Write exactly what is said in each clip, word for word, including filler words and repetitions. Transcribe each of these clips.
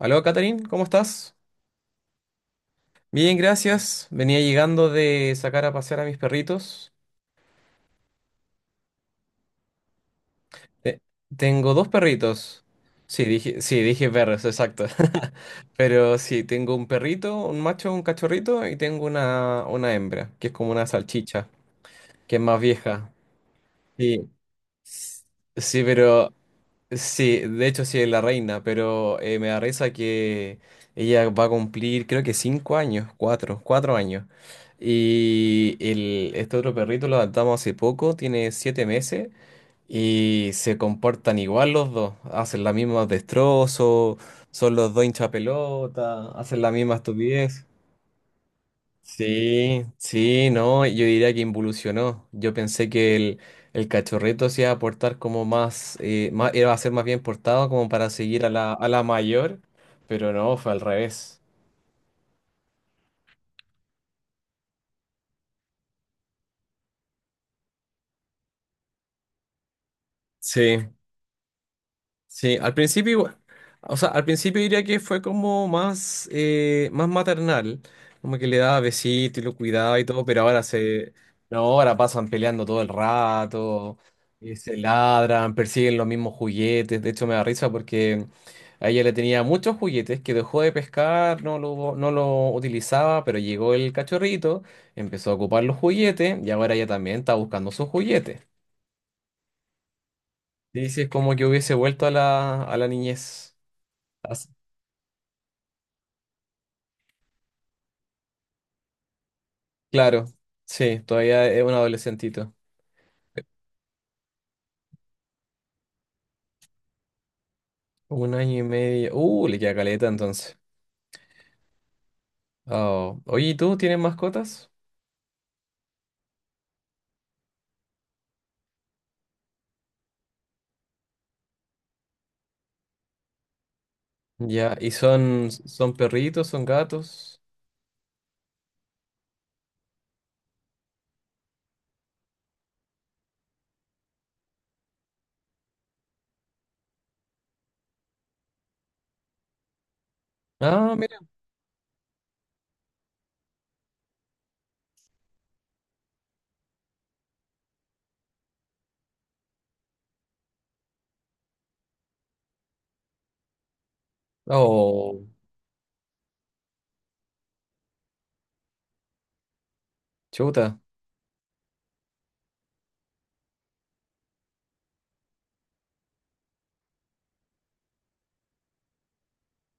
Aló, Catherine, ¿cómo estás? Bien, gracias. Venía llegando de sacar a pasear a mis perritos. Eh, Tengo dos perritos. Sí, dije, sí, dije perros, exacto. Pero sí, tengo un perrito, un macho, un cachorrito y tengo una, una hembra, que es como una salchicha, que es más vieja. Sí. S- Sí, pero. Sí, de hecho sí es la reina, pero eh, me da risa que ella va a cumplir creo que cinco años, cuatro, cuatro años. Y el, este otro perrito lo adoptamos hace poco, tiene siete meses y se comportan igual los dos, hacen la misma destrozos, son los dos hinchapelota, hacen la misma estupidez. Sí, sí, no, yo diría que involucionó. Yo pensé que el, el cachorrito se iba a portar como más, eh, más, iba a ser más bien portado como para seguir a la, a la mayor, pero no, fue al revés. Sí. Sí, al principio, igual- o sea, al principio diría que fue como más, eh, más maternal, como que le daba besitos y lo cuidaba y todo, pero ahora se, no, ahora pasan peleando todo el rato, y se ladran, persiguen los mismos juguetes, de hecho me da risa porque a ella le tenía muchos juguetes que dejó de pescar, no lo, no lo utilizaba, pero llegó el cachorrito, empezó a ocupar los juguetes y ahora ella también está buscando sus juguetes. Y sí, es como que hubiese vuelto a la, a la niñez. Claro, sí, todavía es un adolescentito. Un año y medio. Uh, le queda caleta entonces. Oh. Oye, ¿y tú tienes mascotas? Ya, ¿y son, son perritos, son gatos? Ah, mira. Oh, chuta.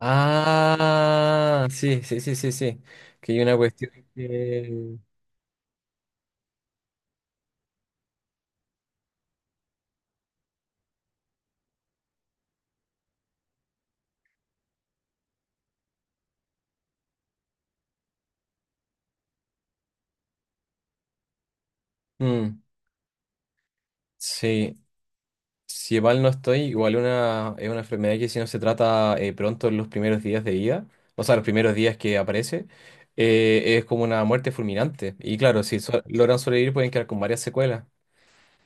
Ah, sí, sí, sí, sí, sí. Que hay una cuestión que... Mm, sí. Si mal no estoy, igual una, es una enfermedad que si no se trata eh, pronto en los primeros días de vida, o sea, los primeros días que aparece, eh, es como una muerte fulminante. Y claro, si so- logran sobrevivir pueden quedar con varias secuelas.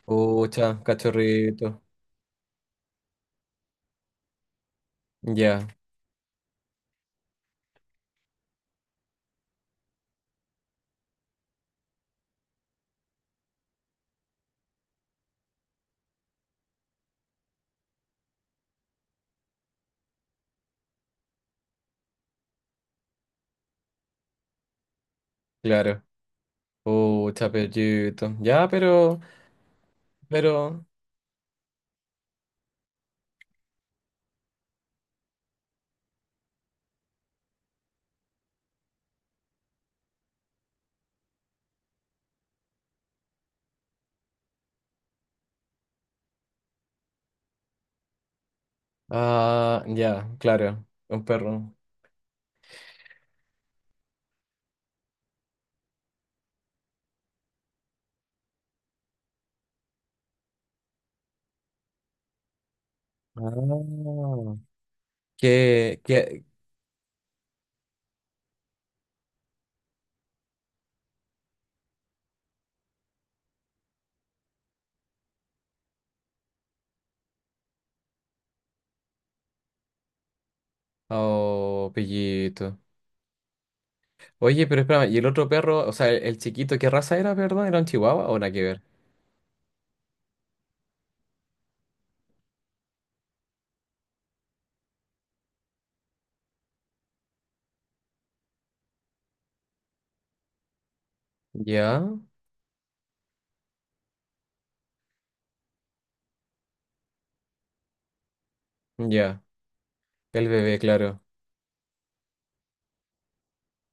Ucha, cachorrito. Ya, claro. Ucha, perrito. Ya, pero, pero, ah, ya, claro, un perro. Ah. ¿Qué, qué? Oh, pellito. Oye, pero espérame, ¿y el otro perro, o sea, el, el chiquito, qué raza era, perdón? ¿Era un chihuahua o nada que ver? Ya, ya, el bebé, claro.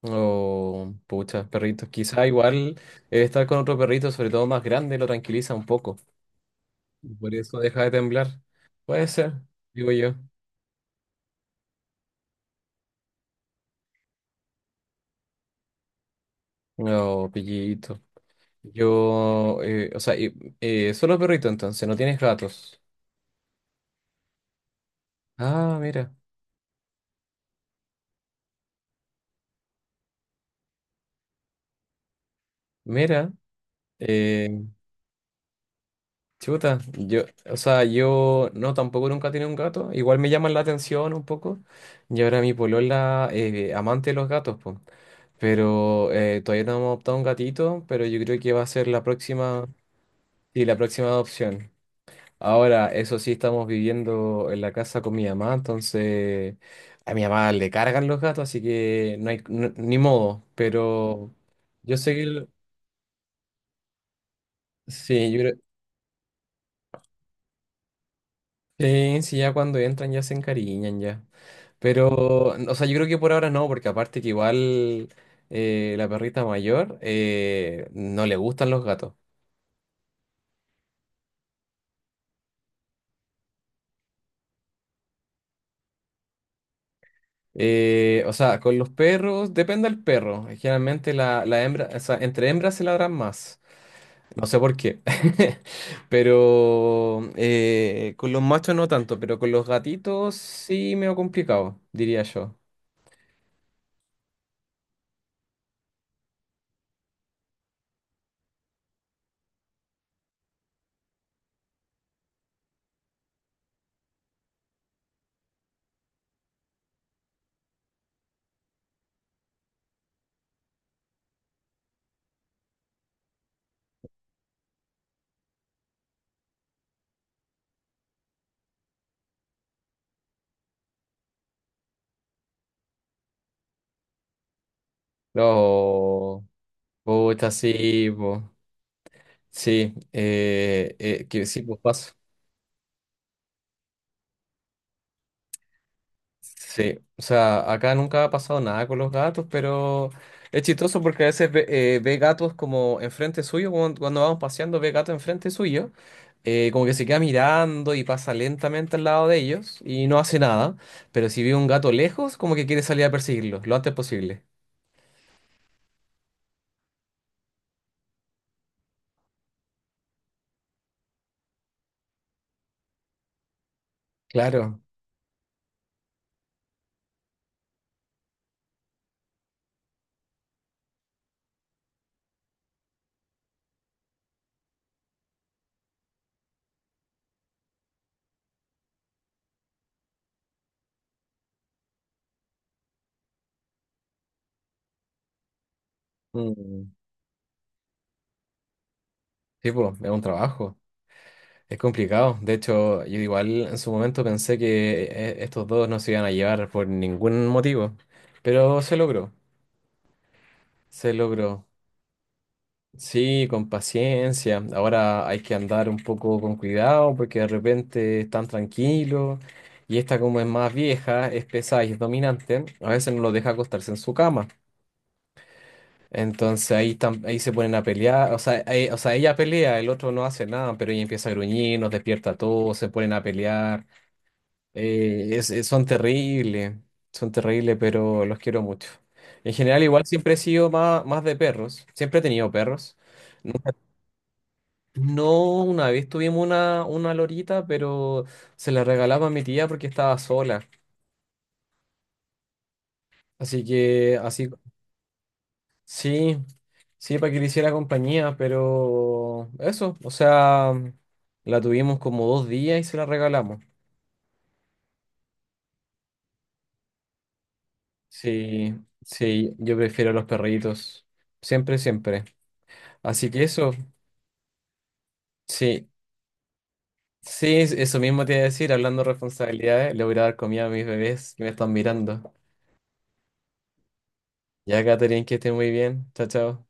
Oh, pucha, perritos. Quizá igual el estar con otro perrito, sobre todo más grande, lo tranquiliza un poco. Y por eso deja de temblar. Puede ser, digo yo. No, pillito. Yo, eh, o sea, y- eh, solo perrito entonces, no tienes gatos. Ah, mira, mira. eh, Chuta, yo, o sea, yo no tampoco nunca he tenido un gato, igual me llaman la atención un poco, y ahora mi polola eh, amante de los gatos, pues. Pero eh, todavía no hemos adoptado un gatito, pero yo creo que va a ser la próxima, sí, la próxima adopción. Ahora, eso sí, estamos viviendo en la casa con mi mamá, entonces a mi mamá le cargan los gatos, así que no hay no- ni modo. Pero yo sé que el- sí, yo creo- sí, sí, ya cuando entran ya se encariñan ya. Pero, o sea, yo creo que por ahora no, porque aparte que igual eh, la perrita mayor eh, no le gustan los gatos. Eh, o sea, con los perros, depende del perro. Generalmente la, la hembra, o sea, entre hembras se ladran más. No sé por qué. Pero eh, con los machos no tanto, pero con los gatitos sí me ha complicado, diría yo. No, pucha, sí, po. Sí, eh, eh, que sí, pues paso. Sí, o sea, acá nunca ha pasado nada con los gatos, pero es chistoso porque a veces ve, eh, ve gatos como enfrente suyo, cuando, cuando vamos paseando ve gatos enfrente suyo, eh, como que se queda mirando y pasa lentamente al lado de ellos y no hace nada, pero si ve un gato lejos, como que quiere salir a perseguirlo lo antes posible. Claro. Mm. Sí, pues, es un trabajo, es complicado. De hecho, yo igual en su momento pensé que eh, estos dos no se iban a llevar por ningún motivo, pero se logró. Se logró. Sí, con paciencia. Ahora hay que andar un poco con cuidado porque de repente están tranquilos y esta como es más vieja, es pesada y es dominante, a veces no lo deja acostarse en su cama. Entonces ahí, tam- ahí se ponen a pelear, o sea, eh, o sea, ella pelea, el otro no hace nada, pero ella empieza a gruñir, nos despierta a todos, se ponen a pelear. Eh, es- es- son terribles, son terribles, pero los quiero mucho. En general, igual siempre he sido más, más de perros, siempre he tenido perros. No, una vez tuvimos una, una lorita, pero se la regalaba a mi tía porque estaba sola. Así que, así, sí, sí, para que le hiciera compañía, pero eso, o sea, la tuvimos como dos días y se la regalamos. Sí, sí, yo prefiero los perritos, siempre, siempre. Así que eso, sí, sí, es- eso mismo te iba a decir, hablando de responsabilidades, le voy a dar comida a mis bebés que me están mirando. Ya, Catherine, que esté muy bien, chao, chao.